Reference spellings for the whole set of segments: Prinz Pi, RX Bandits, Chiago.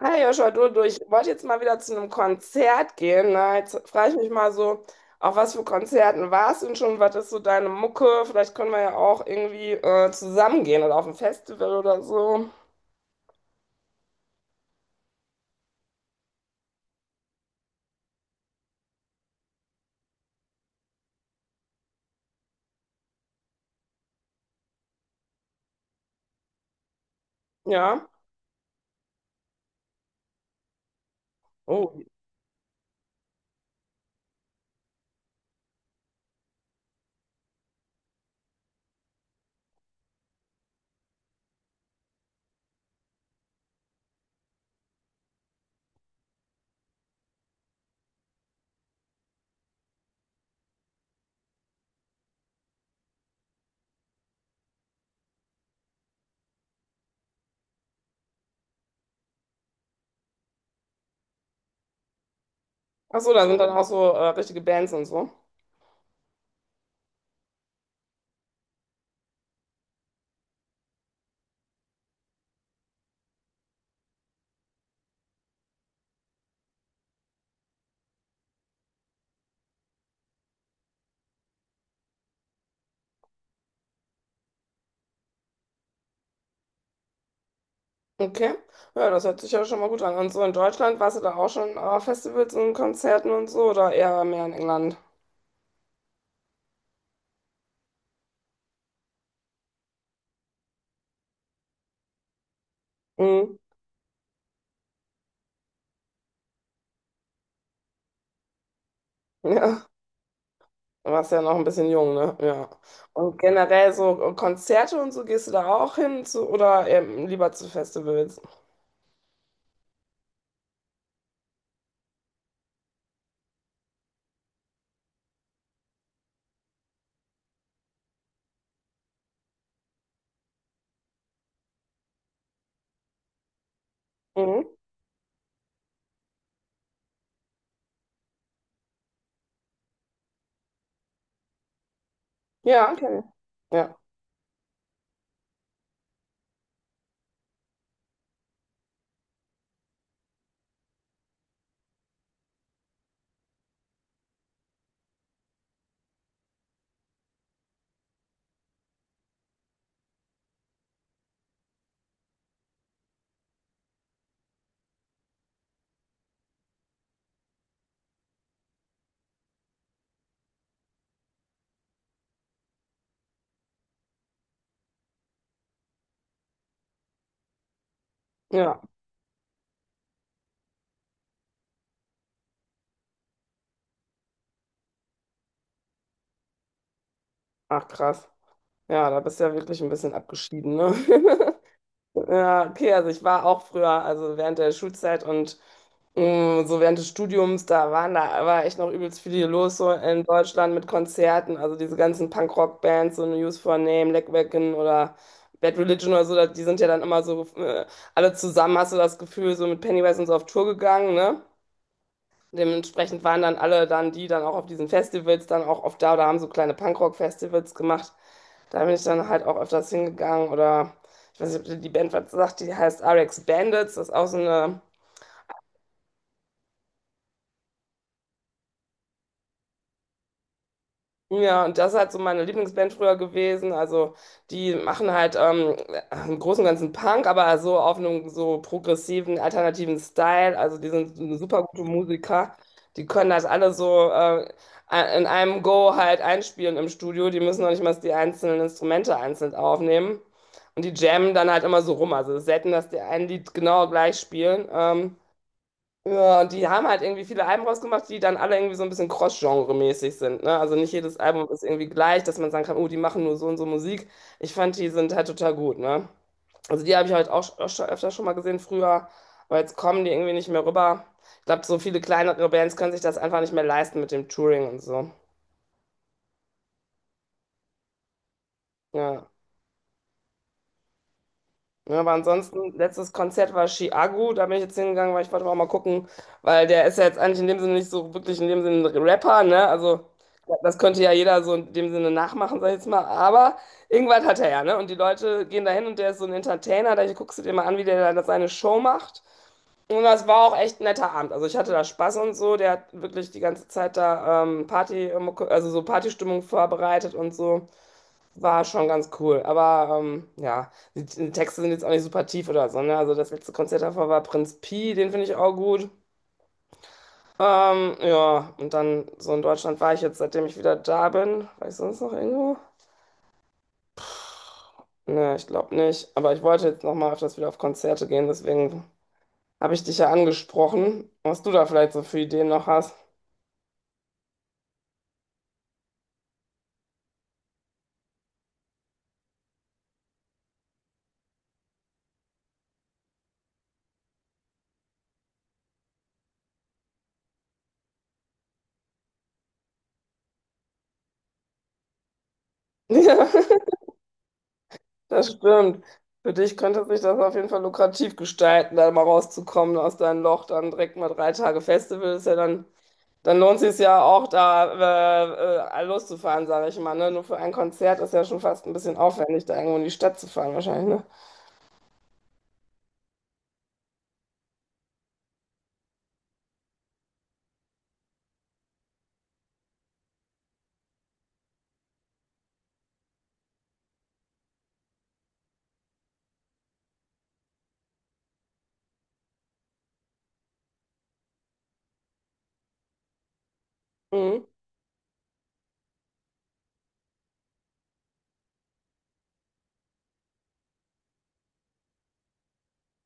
Hey Joshua, du, ich wollte jetzt mal wieder zu einem Konzert gehen. Ne? Jetzt frage ich mich mal so, auf was für Konzerten warst du denn schon? Was ist so deine Mucke? Vielleicht können wir ja auch irgendwie zusammen gehen oder auf ein Festival oder so. Ja. Oh. Ach so, da sind dann auch so richtige Bands und so. Okay. Ja, das hört sich ja schon mal gut an. Und so in Deutschland warst du da auch schon auf Festivals und Konzerten und so oder eher mehr in England? Mhm. Ja. Du warst ja noch ein bisschen jung, ne? Ja. Und generell so Konzerte und so, gehst du da auch hin zu, oder eher lieber zu Festivals? Mhm. Ja, kenn ich. Ja, ja. Ach, krass. Ja, da bist du ja wirklich ein bisschen abgeschieden, ne? Ja, okay, also ich war auch früher, also während der Schulzeit und mm, so während des Studiums, war echt noch übelst viel hier los, so in Deutschland mit Konzerten, also diese ganzen Punk-Rock-Bands, so News for a Name, Leckwacken oder Bad Religion oder so, die sind ja dann immer so, alle zusammen, hast du das Gefühl, so mit Pennywise und so auf Tour gegangen, ne? Dementsprechend waren dann alle dann, die dann auch auf diesen Festivals dann auch oft da oder haben so kleine punkrock festivals gemacht. Da bin ich dann halt auch öfters hingegangen oder, ich weiß nicht, ob dir die Band was sagt, die heißt RX Bandits, das ist auch so eine. Ja, und das ist halt so meine Lieblingsband früher gewesen. Also die machen halt im Großen und Ganzen Punk, aber so auf einem so progressiven, alternativen Style. Also die sind super gute Musiker. Die können das alle so in einem Go halt einspielen im Studio. Die müssen noch nicht mal die einzelnen Instrumente einzeln aufnehmen. Und die jammen dann halt immer so rum. Also es ist selten, dass die ein Lied genau gleich spielen. Ja, und die haben halt irgendwie viele Alben rausgemacht, die dann alle irgendwie so ein bisschen Cross-Genre-mäßig sind, ne? Also nicht jedes Album ist irgendwie gleich, dass man sagen kann, oh, die machen nur so und so Musik. Ich fand, die sind halt total gut, ne? Also die habe ich halt auch öfter schon mal gesehen früher, aber jetzt kommen die irgendwie nicht mehr rüber. Ich glaube, so viele kleinere Bands können sich das einfach nicht mehr leisten mit dem Touring und so. Ja. Ja, aber ansonsten, letztes Konzert war Chiago, da bin ich jetzt hingegangen, weil ich wollte auch mal gucken, weil der ist ja jetzt eigentlich in dem Sinne nicht so wirklich in dem Sinne ein Rapper, ne? Also ja, das könnte ja jeder so in dem Sinne nachmachen, sag ich jetzt mal, aber irgendwas hat er ja, ne? Und die Leute gehen da hin und der ist so ein Entertainer, da guckst du dir mal an, wie der da seine Show macht. Und das war auch echt ein netter Abend. Also ich hatte da Spaß und so, der hat wirklich die ganze Zeit da Party, also so Partystimmung vorbereitet und so. War schon ganz cool, aber ja, die Texte sind jetzt auch nicht super tief oder so, ne? Also das letzte Konzert davor war Prinz Pi, den finde ich auch gut. Ja, und dann so in Deutschland war ich jetzt, seitdem ich wieder da bin. War ich sonst noch irgendwo? Ne, ich glaube nicht. Aber ich wollte jetzt nochmal öfters wieder auf Konzerte gehen, deswegen habe ich dich ja angesprochen, was du da vielleicht so für Ideen noch hast. Ja, das stimmt. Für dich könnte sich das auf jeden Fall lukrativ gestalten, da mal rauszukommen aus deinem Loch, dann direkt mal drei Tage Festival ist ja dann. Dann lohnt sich ja auch, da loszufahren, sage ich mal. Ne? Nur für ein Konzert ist ja schon fast ein bisschen aufwendig, da irgendwo in die Stadt zu fahren, wahrscheinlich. Ne? Mhm.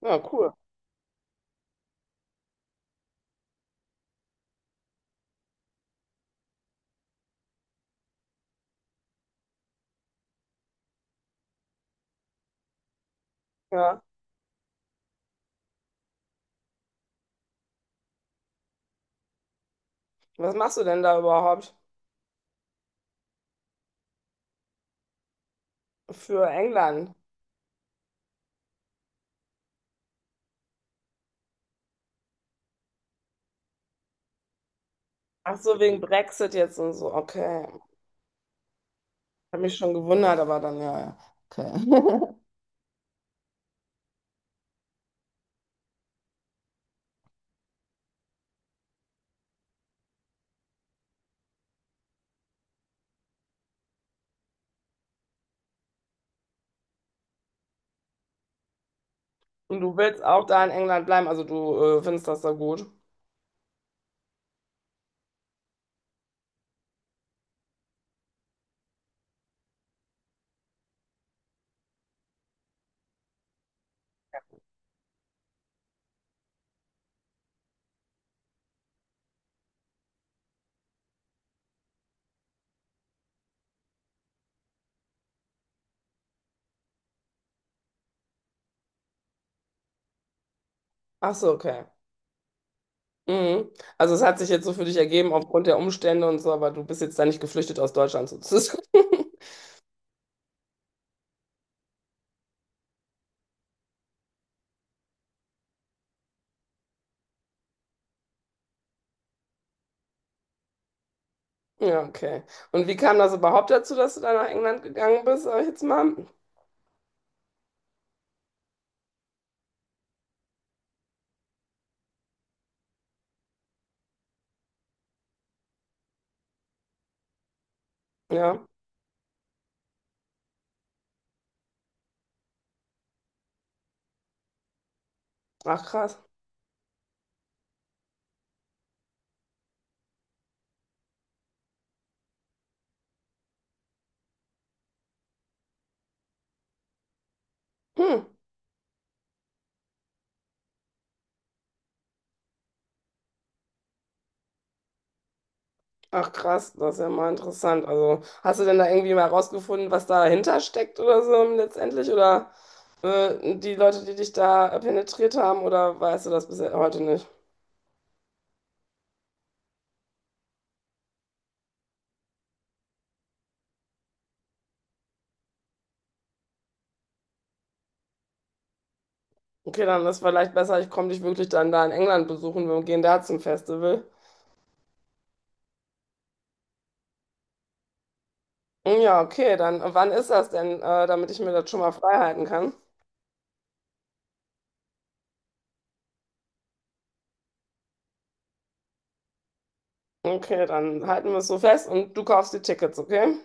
Ja, cool. Ja. Was machst du denn da überhaupt für England? Ach so, wegen Brexit jetzt und so. Okay. Hab mich schon gewundert, aber dann ja, ja. Okay. Und du willst auch da in England bleiben, also du findest das da gut. Ach so, okay. Mhm. Also es hat sich jetzt so für dich ergeben aufgrund der Umstände und so, aber du bist jetzt da nicht geflüchtet aus Deutschland sozusagen. Ja, okay. Und wie kam das überhaupt dazu, dass du da nach England gegangen bist, sag ich jetzt mal? Ja, ach krass. Hm. Ach krass, das ist ja mal interessant. Also, hast du denn da irgendwie mal rausgefunden, was dahinter steckt oder so letztendlich? Oder die Leute, die dich da penetriert haben, oder weißt du das bis heute nicht? Okay, dann ist vielleicht besser, ich komme dich wirklich dann da in England besuchen, wir gehen da zum Festival. Hm, ja, okay, dann wann ist das denn, damit ich mir das schon mal frei halten kann? Okay, dann halten wir es so fest und du kaufst die Tickets, okay?